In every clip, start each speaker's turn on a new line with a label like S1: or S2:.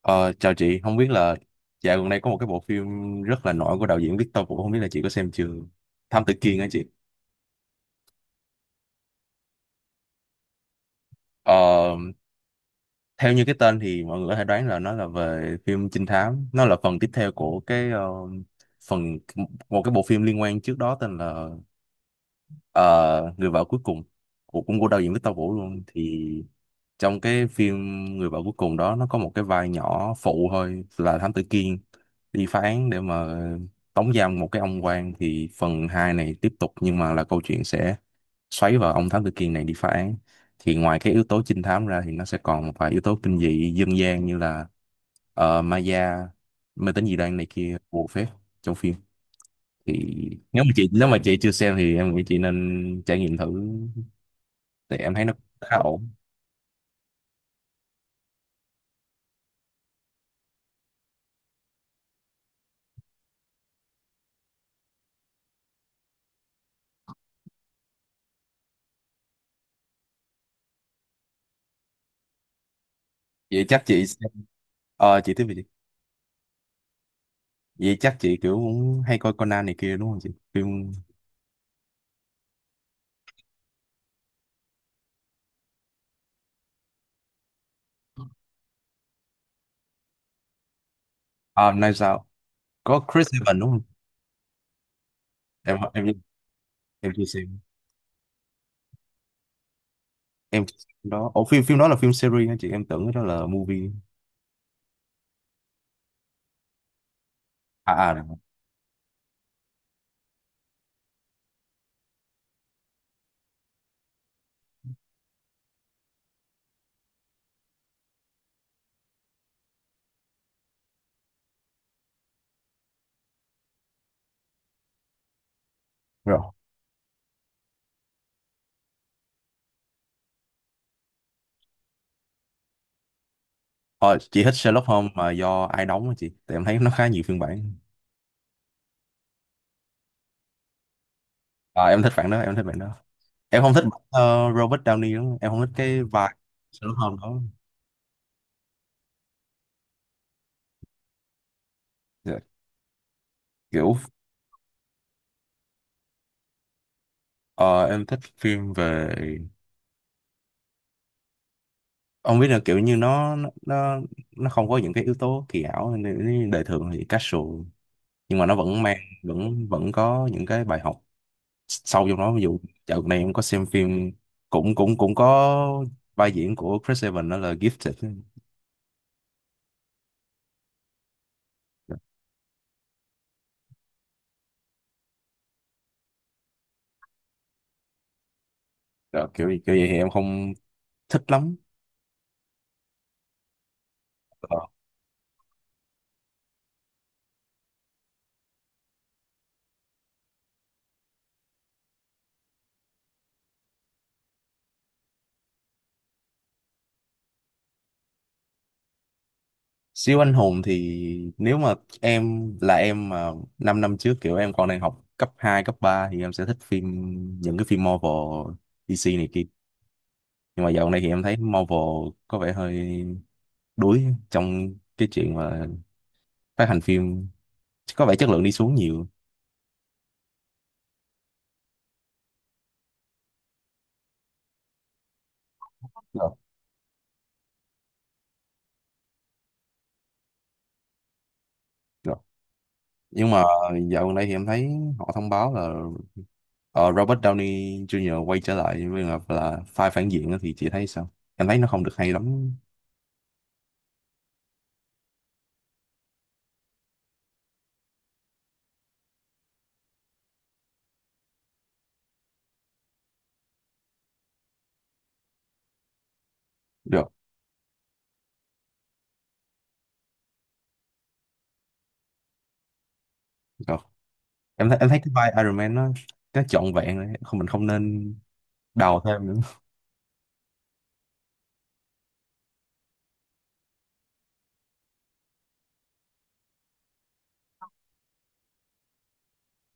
S1: Ờ, Chào chị, không biết là dạo gần đây có một cái bộ phim rất là nổi của đạo diễn Victor Vũ, không biết là chị có xem chưa? Thám Tử Kiên á chị. Ờ, Theo như cái tên thì mọi người có thể đoán là nó là về phim trinh thám, nó là phần tiếp theo của phần một cái bộ phim liên quan trước đó tên là Ờ, người vợ cuối cùng, của cũng của đạo diễn Victor Vũ luôn. Thì trong cái phim người vợ cuối cùng đó, nó có một cái vai nhỏ phụ thôi là Thám Tử Kiên đi phá án để mà tống giam một cái ông quan. Thì phần 2 này tiếp tục nhưng mà là câu chuyện sẽ xoáy vào ông Thám Tử Kiên này đi phá án. Thì ngoài cái yếu tố trinh thám ra thì nó sẽ còn một vài yếu tố kinh dị dân gian như là ma da, mê tín dị đoan này kia, bùa phép trong phim. Thì nếu mà chị chưa xem thì em nghĩ chị nên trải nghiệm thử, thì em thấy nó khá ổn. Vậy chắc chị xem- Ờ, chị tiếp về đi. Vậy chắc chị kiểu cũng hay coi Conan này kia đúng không chị? Phim à, nay sao, có Chris Evans đúng không? em em em chưa xem em chưa xem phim đó. Ủa phim phim đó là phim series hả chị? Em tưởng đó là movie. À à, rồi. Rồi. Ờ, chị thích Sherlock Holmes mà do ai đóng hả chị? Tại em thấy nó khá nhiều phiên bản. À, em thích bản đó. Em không thích Robert Downey lắm, em không thích cái vai Sherlock Holmes đó. Dạ. Kiểu, ờ, em thích phim về, ông biết là kiểu như nó không có những cái yếu tố kỳ ảo nên đời thường thì casual, nhưng mà nó vẫn mang, vẫn vẫn có những cái bài học sâu trong nó. Ví dụ dạo này em có xem phim, cũng cũng cũng có vai diễn của Chris Evans đó là Gifted. Đó, kiểu kiểu vậy thì em không thích lắm. Ờ. Siêu anh hùng thì nếu mà em là em mà 5 năm năm trước, kiểu em còn đang học cấp 2 cấp 3 thì em sẽ thích phim, những cái phim Marvel, DC này kia. Nhưng mà dạo này thì em thấy Marvel có vẻ hơi đuối trong cái chuyện mà phát hành phim, có vẻ chất lượng đi xuống nhiều. Rồi, rồi. Nhưng mà dạo gần đây thì em thấy họ thông báo là Robert Downey Jr. quay trở lại với là vai phản diện á, thì chị thấy sao? Em thấy nó không được hay lắm. Được, được. Em thấy, cái vai Iron Man nó trọn vẹn rồi. Không, mình không nên đào thêm nữa.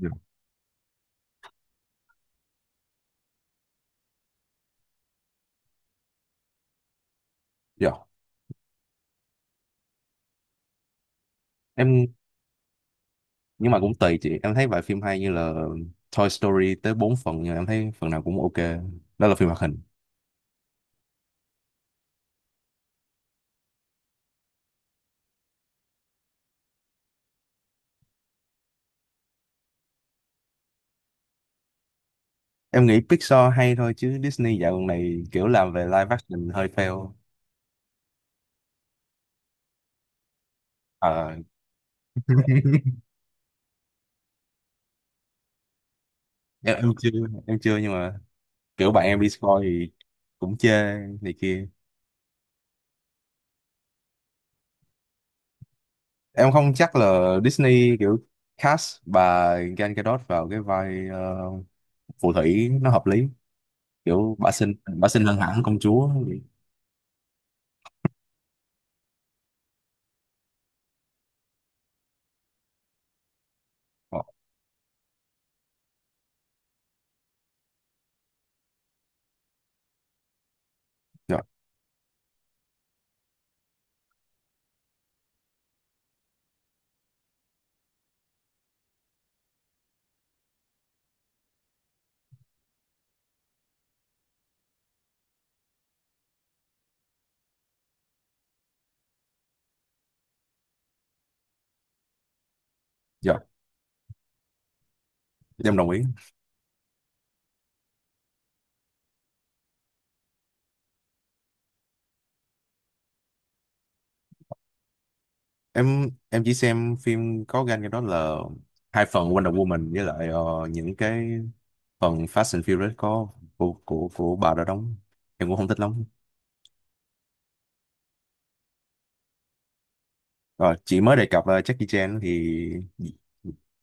S1: Được, được. Em nhưng mà cũng tùy chị, em thấy vài phim hay như là Toy Story tới 4 phần nhưng mà em thấy phần nào cũng ok. Đó là phim hoạt hình. Em nghĩ Pixar hay thôi, chứ Disney dạo gần này kiểu làm về live action hơi fail. Ờ, em, em chưa nhưng mà kiểu bạn em đi coi thì cũng chê này kia. Em không chắc là Disney kiểu cast bà Gal Gadot vào cái vai phù thủy nó hợp lý, kiểu bà xinh hơn hẳn công chúa. Ờ, dạ. Dạ, dạ, em đồng ý. Chỉ xem phim có gan cái đó là hai phần Wonder Woman với lại những cái phần Fast and Furious có của bà đã đóng, em cũng không thích lắm. Rồi chị mới đề cập là Jackie Chan thì,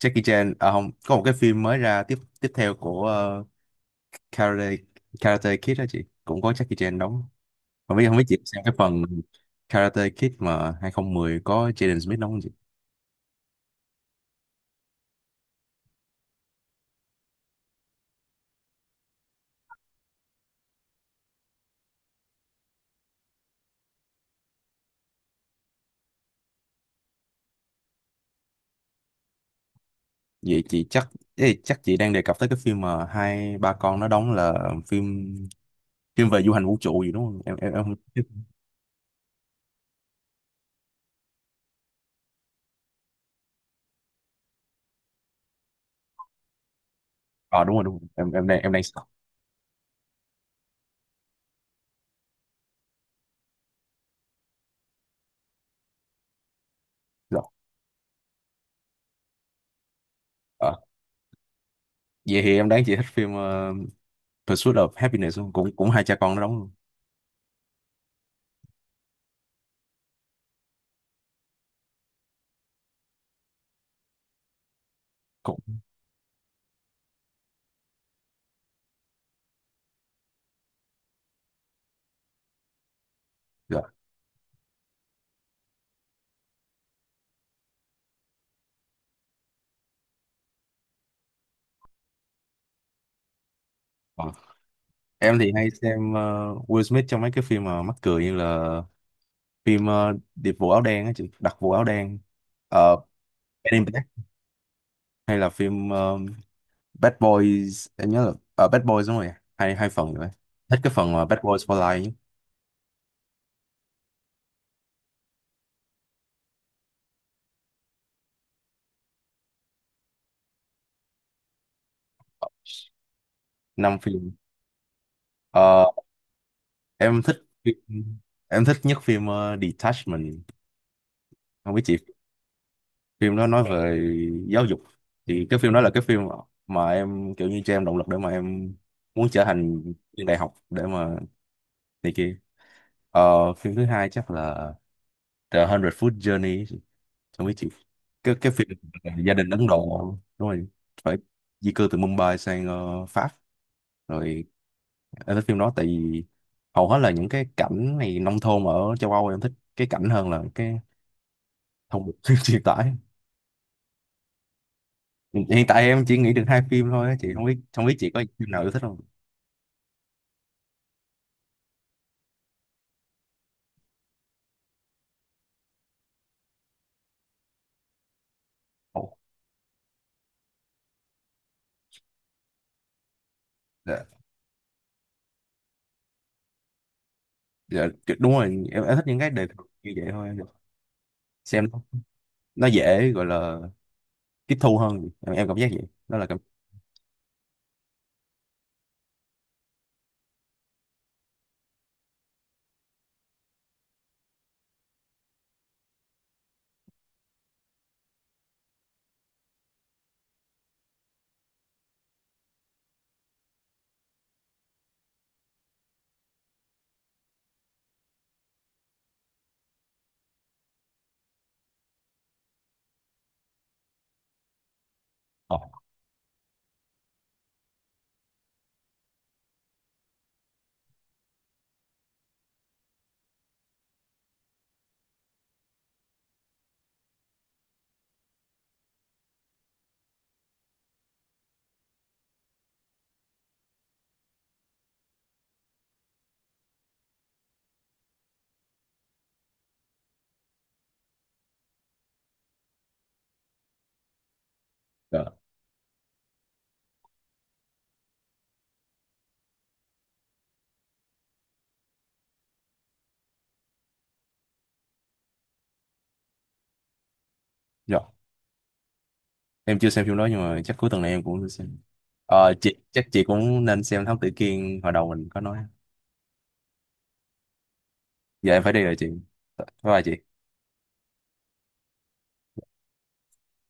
S1: Jackie Chan à, không có một cái phim mới ra tiếp tiếp theo của Karate, Karate Kid đó, chị cũng có Jackie Chan đóng. Không biết chị xem cái phần Karate Kid mà 2010 có Jaden Smith đóng. Vậy chị chắc, ê, chắc chị đang đề cập tới cái phim mà hai ba con nó đóng là phim, phim về du hành vũ trụ gì đúng không? Em. À, đúng rồi, đúng rồi. Em, em đang sợ. Rồi. Ờ. Vậy thì em đoán chị thích phim Pursuit of Happiness không? Cũng Cũng hai cha con nó đóng luôn. Cũng rồi. Ờ. Em thì hay xem Will Smith trong mấy cái phim mà mắc cười như là phim Điệp vụ áo đen á chị, đặc vụ áo đen, ờ, Men in Black, hay là phim Bad Boys. Em nhớ là Bad Boys đúng rồi, hai hai phần rồi. Thích cái phần mà Bad Boys for Life. Năm phim. Ờ, em thích phim, em thích nhất phim Detachment, không biết chị. Phim đó nói về giáo dục, thì cái phim đó là cái phim mà em kiểu như cho em động lực để mà em muốn trở thành viên đại học để mà này kia. Ờ, phim thứ hai chắc là The Hundred Foot Journey, không biết chị, cái phim về gia đình Ấn Độ. Đúng rồi, phải, di cư từ Mumbai sang Pháp, rồi. Em thích phim đó tại vì hầu hết là những cái cảnh này nông thôn ở châu Âu, em thích cái cảnh hơn là cái thông điệp truyền tải. Hiện tại em chỉ nghĩ được hai phim thôi á chị, không biết chị có phim nào yêu thích không. Ồ, dạ. Dạ, đúng rồi. Em thích những cái đề tài như vậy thôi em được. Xem nó dễ gọi là tiếp thu hơn, em cảm giác vậy, đó là cảm. Ờ, dạ, dạ. Em chưa xem phim đó nhưng mà chắc cuối tuần này em cũng sẽ xem. Ờ, chị chắc chị cũng nên xem Thám Tử Kiên hồi đầu mình có nói. Giờ em phải đi rồi chị, bye bye chị.